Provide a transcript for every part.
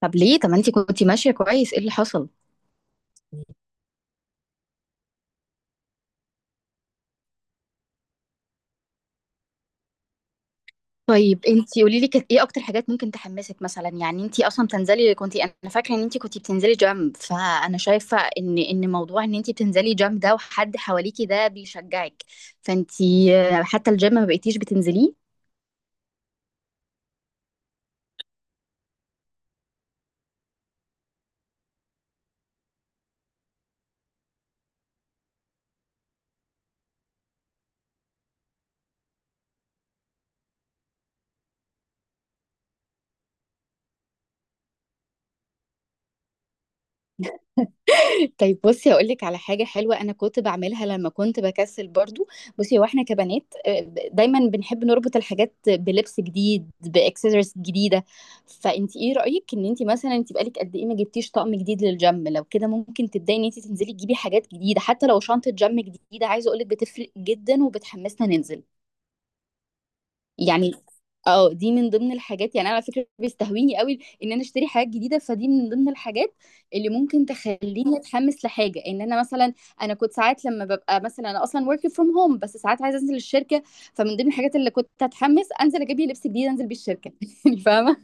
طب ليه؟ طب ما انت كنتي ماشيه كويس، ايه اللي حصل؟ طيب انت قولي لي، كانت ايه اكتر حاجات ممكن تحمسك؟ مثلا يعني انت اصلا بتنزلي كنت انا فاكره ان انت كنت بتنزلي جيم. فانا شايفه ان موضوع ان انت بتنزلي جيم ده، وحد حواليكي ده بيشجعك. فانت آه، حتى الجيم ما بقيتيش بتنزليه. طيب بصي، هقول لك على حاجه حلوه انا كنت بعملها لما كنت بكسل برضو. بصي، هو احنا كبنات، دايما بنحب نربط الحاجات بلبس جديد، باكسسوارز جديده. فانت ايه رايك، ان انت مثلا انت بقالك قد ايه ما جبتيش طقم جديد للجيم؟ لو كده ممكن تبداي ان انت تنزلي تجيبي حاجات جديده، حتى لو شنطه جيم جديده. عايزه اقول لك بتفرق جدا وبتحمسنا ننزل. يعني اه دي من ضمن الحاجات. يعني انا على فكره بيستهويني قوي ان انا اشتري حاجات جديده، فدي من ضمن الحاجات اللي ممكن تخليني اتحمس لحاجه. ان انا مثلا انا كنت ساعات لما ببقى مثلا انا اصلا working from home، بس ساعات عايزه انزل الشركه. فمن ضمن الحاجات اللي كنت اتحمس، انزل اجيب لي لبس جديد انزل بيه الشركه يعني فاهمه.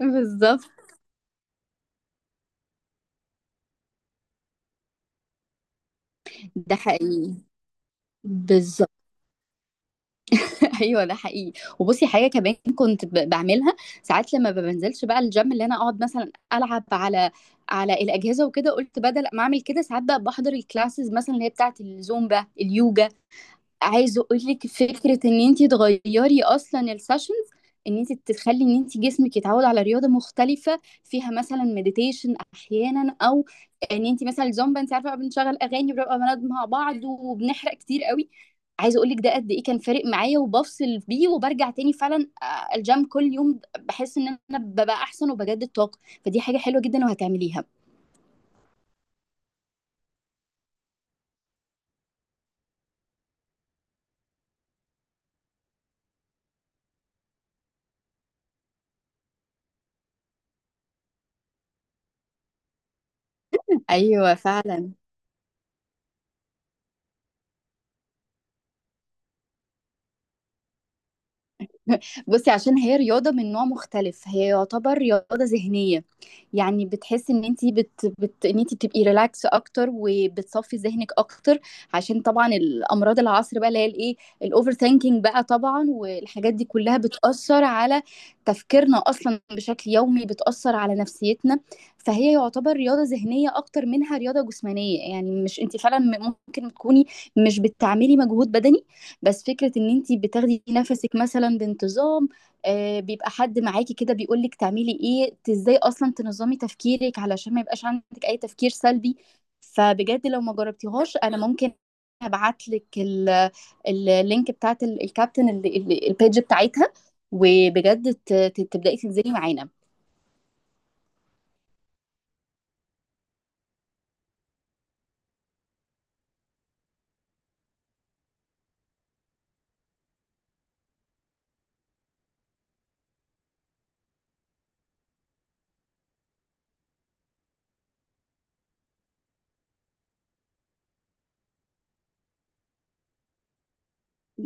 بالظبط، ده حقيقي. ايوه، ده حقيقي. وبصي حاجه كمان كنت بعملها، ساعات لما ما بنزلش بقى الجيم اللي انا اقعد مثلا العب على الاجهزه وكده. قلت بدل ما اعمل كده، ساعات بقى بحضر الكلاسز مثلا، اللي هي بتاعه الزومبا، اليوجا. عايزه اقول لك فكره ان انت تغيري اصلا السيشنز، ان انت تخلي ان انت جسمك يتعود على رياضه مختلفه، فيها مثلا مديتيشن احيانا، او ان انت مثلا الزومبا، انت عارفه بقى بنشغل اغاني، بنبقى بنقعد مع بعض وبنحرق كتير قوي. عايزه اقول لك ده قد ايه كان فارق معايا، وبفصل بيه وبرجع تاني فعلا. الجيم كل يوم بحس ان انا ببقى احسن وبجدد طاقه. فدي حاجه حلوه جدا وهتعمليها. ايوه فعلا. بصي، عشان هي رياضة من نوع مختلف، هي يعتبر رياضة ذهنية. يعني بتحس ان انتي ان انتي بتبقي ريلاكس اكتر وبتصفي ذهنك اكتر. عشان طبعا الامراض العصر بقى اللي هي الايه، الاوفر ثينكينج بقى طبعا، والحاجات دي كلها بتأثر على تفكيرنا اصلا بشكل يومي، بتأثر على نفسيتنا. فهي يعتبر رياضة ذهنية اكتر منها رياضة جسمانية. يعني مش انتي فعلا ممكن تكوني مش بتعملي مجهود بدني، بس فكرة ان انتي بتاخدي نفسك مثلا بانتظام. بيبقى حد معاكي كده بيقولك تعملي ايه، ازاي اصلا تنظمي تفكيرك علشان ما يبقاش عندك اي تفكير سلبي. فبجد لو ما جربتيهاش، انا ممكن هبعتلك اللينك بتاعت الكابتن، البيج بتاعتها. وبجد تبدأي تنزلي معانا.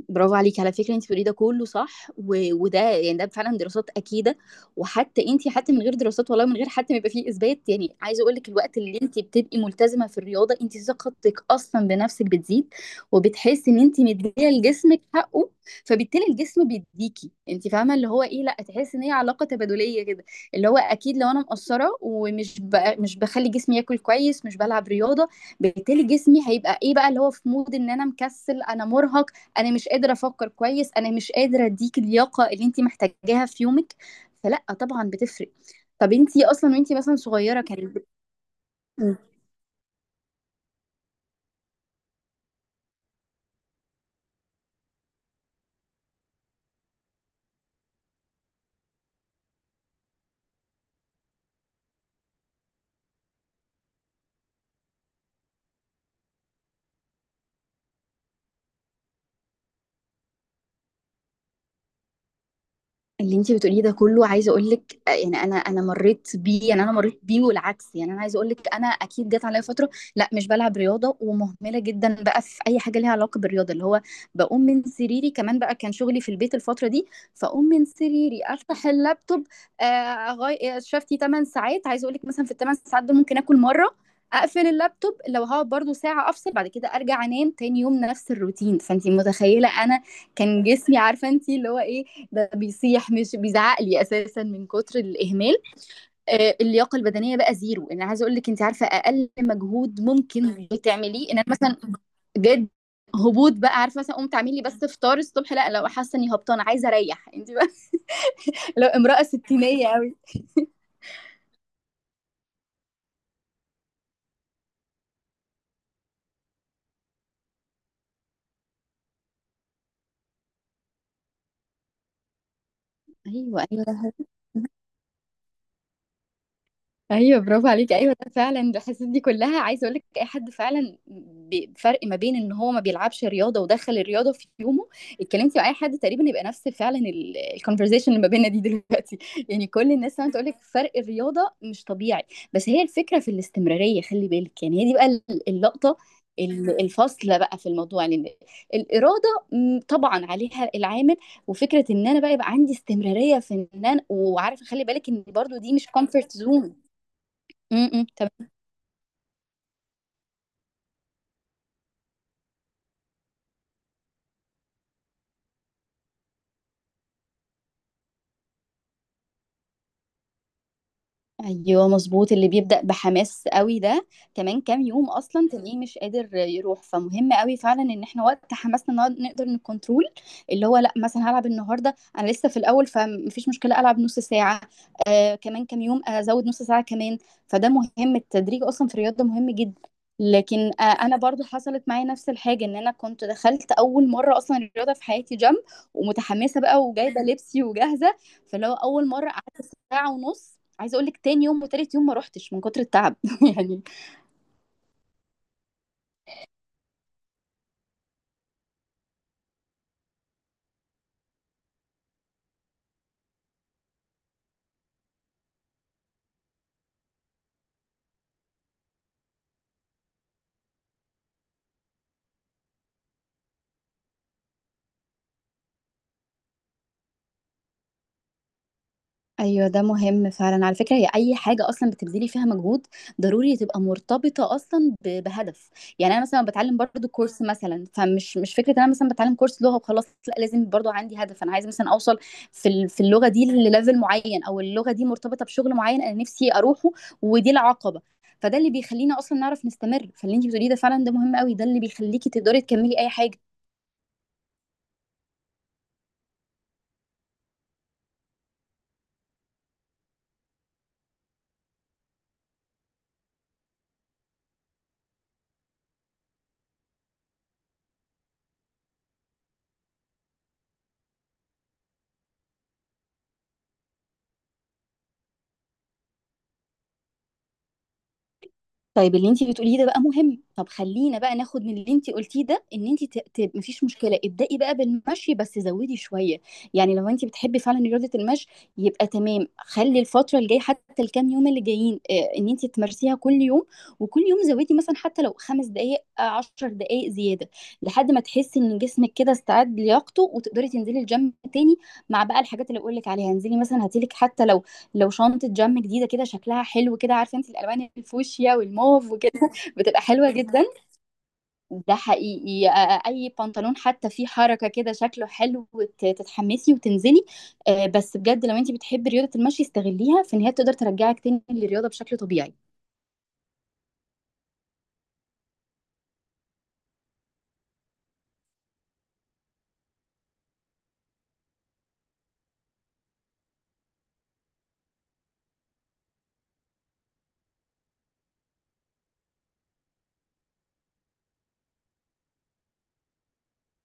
برافو عليكي على فكرة، انت بتقولي ده كله صح. وده يعني ده فعلا دراسات أكيدة. وحتى انت، حتى من غير دراسات والله، من غير حتى ما يبقى فيه إثبات، يعني عايزة أقول لك الوقت اللي انت بتبقي ملتزمة في الرياضة، انت ثقتك أصلا بنفسك بتزيد، وبتحسي ان انت مدية لجسمك حقه. فبالتالي الجسم بيديكي انت، فاهمة اللي هو ايه، لا تحسي ان هي علاقة تبادلية كده. اللي هو أكيد لو أنا مقصرة ومش ب... مش بخلي جسمي ياكل كويس، مش بلعب رياضة، بالتالي جسمي هيبقى ايه بقى، اللي هو في مود ان انا مكسل، انا مرهق، انا مش قادره افكر كويس، انا مش قادره اديك اللياقه اللي انت محتاجاها في يومك. فلا طبعا بتفرق. طب انت اصلا وانت مثلا صغيره كان؟ اللي انتي بتقوليه ده كله عايزه اقول لك يعني، انا مريت بيه. يعني انا مريت بيه والعكس. يعني انا عايزه اقول لك انا اكيد جت عليا فتره لا مش بلعب رياضه، ومهمله جدا بقى في اي حاجه ليها علاقه بالرياضه. اللي هو بقوم من سريري، كمان بقى كان شغلي في البيت الفتره دي، فاقوم من سريري افتح اللابتوب. شفتي 8 ساعات. عايزه اقول لك مثلا في الثمان ساعات دول ممكن اكل مره. اقفل اللابتوب، لو هقعد برضو ساعه، افصل بعد كده ارجع انام، تاني يوم نفس الروتين. فانتي متخيله انا كان جسمي، عارفه انت اللي هو ايه، ده بيصيح مش بيزعق لي اساسا من كتر الاهمال. اللياقه البدنيه بقى زيرو. انا عايزه اقول لك انت عارفه اقل مجهود ممكن تعمليه ان انا مثلا جد هبوط بقى، عارفه مثلا قمت اعمل لي بس فطار الصبح. لا لو حاسه اني هبطانه، عايزه اريح انت بقى لو امراه ستينيه قوي. ايوه ايوه. ايوه برافو عليكي، ايوه ده فعلا الحاسيس دي كلها. عايزه اقول لك اي حد فعلا بفرق ما بين ان هو ما بيلعبش رياضه، ودخل الرياضه في يومه. اتكلمتي مع اي حد تقريبا يبقى نفس فعلا الكونفرزيشن اللي ما بيننا دي دلوقتي يعني كل الناس فعلا تقول لك فرق الرياضه مش طبيعي. بس هي الفكره في الاستمراريه، خلي بالك. يعني هي دي بقى اللقطه، الفاصله بقى في الموضوع. لان الاراده طبعا عليها العامل. وفكره ان انا بقى يبقى عندي استمراريه في ان انا، وعارفه خلي بالك ان برضو دي مش كومفورت زون. م- م. ايوه مظبوط. اللي بيبدأ بحماس قوي ده كمان كام يوم اصلا تلاقيه مش قادر يروح. فمهم قوي فعلا ان احنا وقت حماسنا نقدر نكنترول. اللي هو لا مثلا هلعب النهارده، انا لسه في الاول فمفيش مشكله، العب نص ساعه. كمان كام يوم ازود نص ساعه كمان. فده مهم، التدريج اصلا في الرياضه مهم جدا. لكن انا برضو حصلت معايا نفس الحاجه، ان انا كنت دخلت اول مره اصلا الرياضه في حياتي جيم، ومتحمسه بقى وجايبه لبسي وجاهزه. فاللي هو اول مره قعدت ساعه ونص. عايزه اقول لك تاني يوم وتالت يوم ما روحتش من كتر التعب يعني. ايوه ده مهم فعلا على فكره، هي اي حاجه اصلا بتبذلي فيها مجهود ضروري تبقى مرتبطه اصلا بهدف. يعني انا مثلا بتعلم برضو كورس مثلا، فمش مش فكره انا مثلا بتعلم كورس لغه وخلاص، لا لازم برضو عندي هدف، انا عايزه مثلا اوصل في اللغه دي لليفل معين، او اللغه دي مرتبطه بشغل معين انا نفسي اروحه. ودي العقبه. فده اللي بيخلينا اصلا نعرف نستمر. فاللي انت بتقوليه ده فعلا، ده مهم قوي، ده اللي بيخليكي تقدري تكملي اي حاجه. طيب اللي انت بتقوليه ده بقى مهم، طب خلينا بقى ناخد من اللي انت قلتيه ده ان انت مفيش مشكله، ابدأي بقى بالمشي بس زودي شويه. يعني لو انت بتحبي فعلا رياضه المشي، يبقى تمام. خلي الفتره الجايه حتى الكام يوم اللي جايين ان انت تمارسيها كل يوم، وكل يوم زودي مثلا حتى لو 5 دقائق، 10 دقائق زياده، لحد ما تحسي ان جسمك كده استعد لياقته وتقدري تنزلي الجيم تاني. مع بقى الحاجات اللي بقول لك عليها، انزلي مثلا هاتيلك، حتى لو شنطة جم جديدة كده شكلها حلو كده، عارفة انت الألوان الفوشيا والموف وكده بتبقى حلوة جدا. ده حقيقي. أي بنطلون حتى فيه حركة كده شكله حلو وت- تتحمسي وتنزلي. بس بجد لو انت بتحبي رياضة المشي، استغليها في إن هي تقدر ترجعك تاني للرياضة بشكل طبيعي.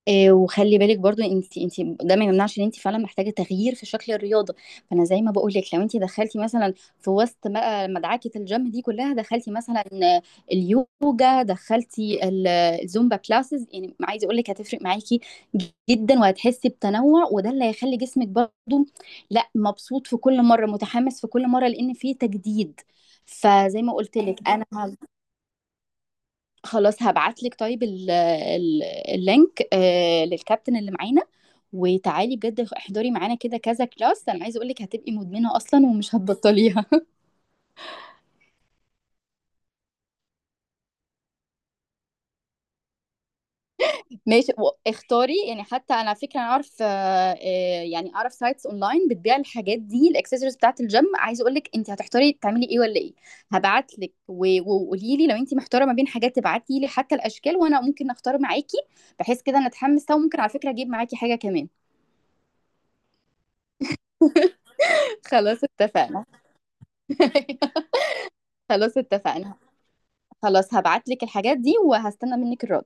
وخلي بالك برضو، انت ده ما يمنعش ان انت فعلا محتاجه تغيير في شكل الرياضه. فانا زي ما بقول لك لو انت دخلتي مثلا في وسط بقى مدعكه الجيم دي كلها، دخلتي مثلا اليوجا، دخلتي الزومبا كلاسز، يعني عايزه اقول لك هتفرق معاكي جدا. وهتحسي بتنوع، وده اللي هيخلي جسمك برضو لا مبسوط في كل مره، متحمس في كل مره، لان في تجديد. فزي ما قلت لك انا، خلاص هبعت لك. طيب اللينك للكابتن اللي معانا. وتعالي بجد احضري معانا كده كذا كلاس، انا عايزه اقول لك هتبقي مدمنه اصلا ومش هتبطليها ماشي، واختاري. يعني حتى انا على فكره انا اعرف، يعني اعرف سايتس اونلاين بتبيع الحاجات دي، الاكسسوارز بتاعه الجيم. عايزه اقول لك انت هتحتاري تعملي ايه ولا ايه. هبعت لك وقولي لي لو انت محتاره ما بين حاجات، تبعتي لي حتى الاشكال وانا ممكن اختار معاكي، بحيث كده نتحمس سوا. ممكن على فكره اجيب معاكي حاجه كمان. خلاص اتفقنا. خلاص اتفقنا. خلاص هبعت لك الحاجات دي وهستنى منك الرد.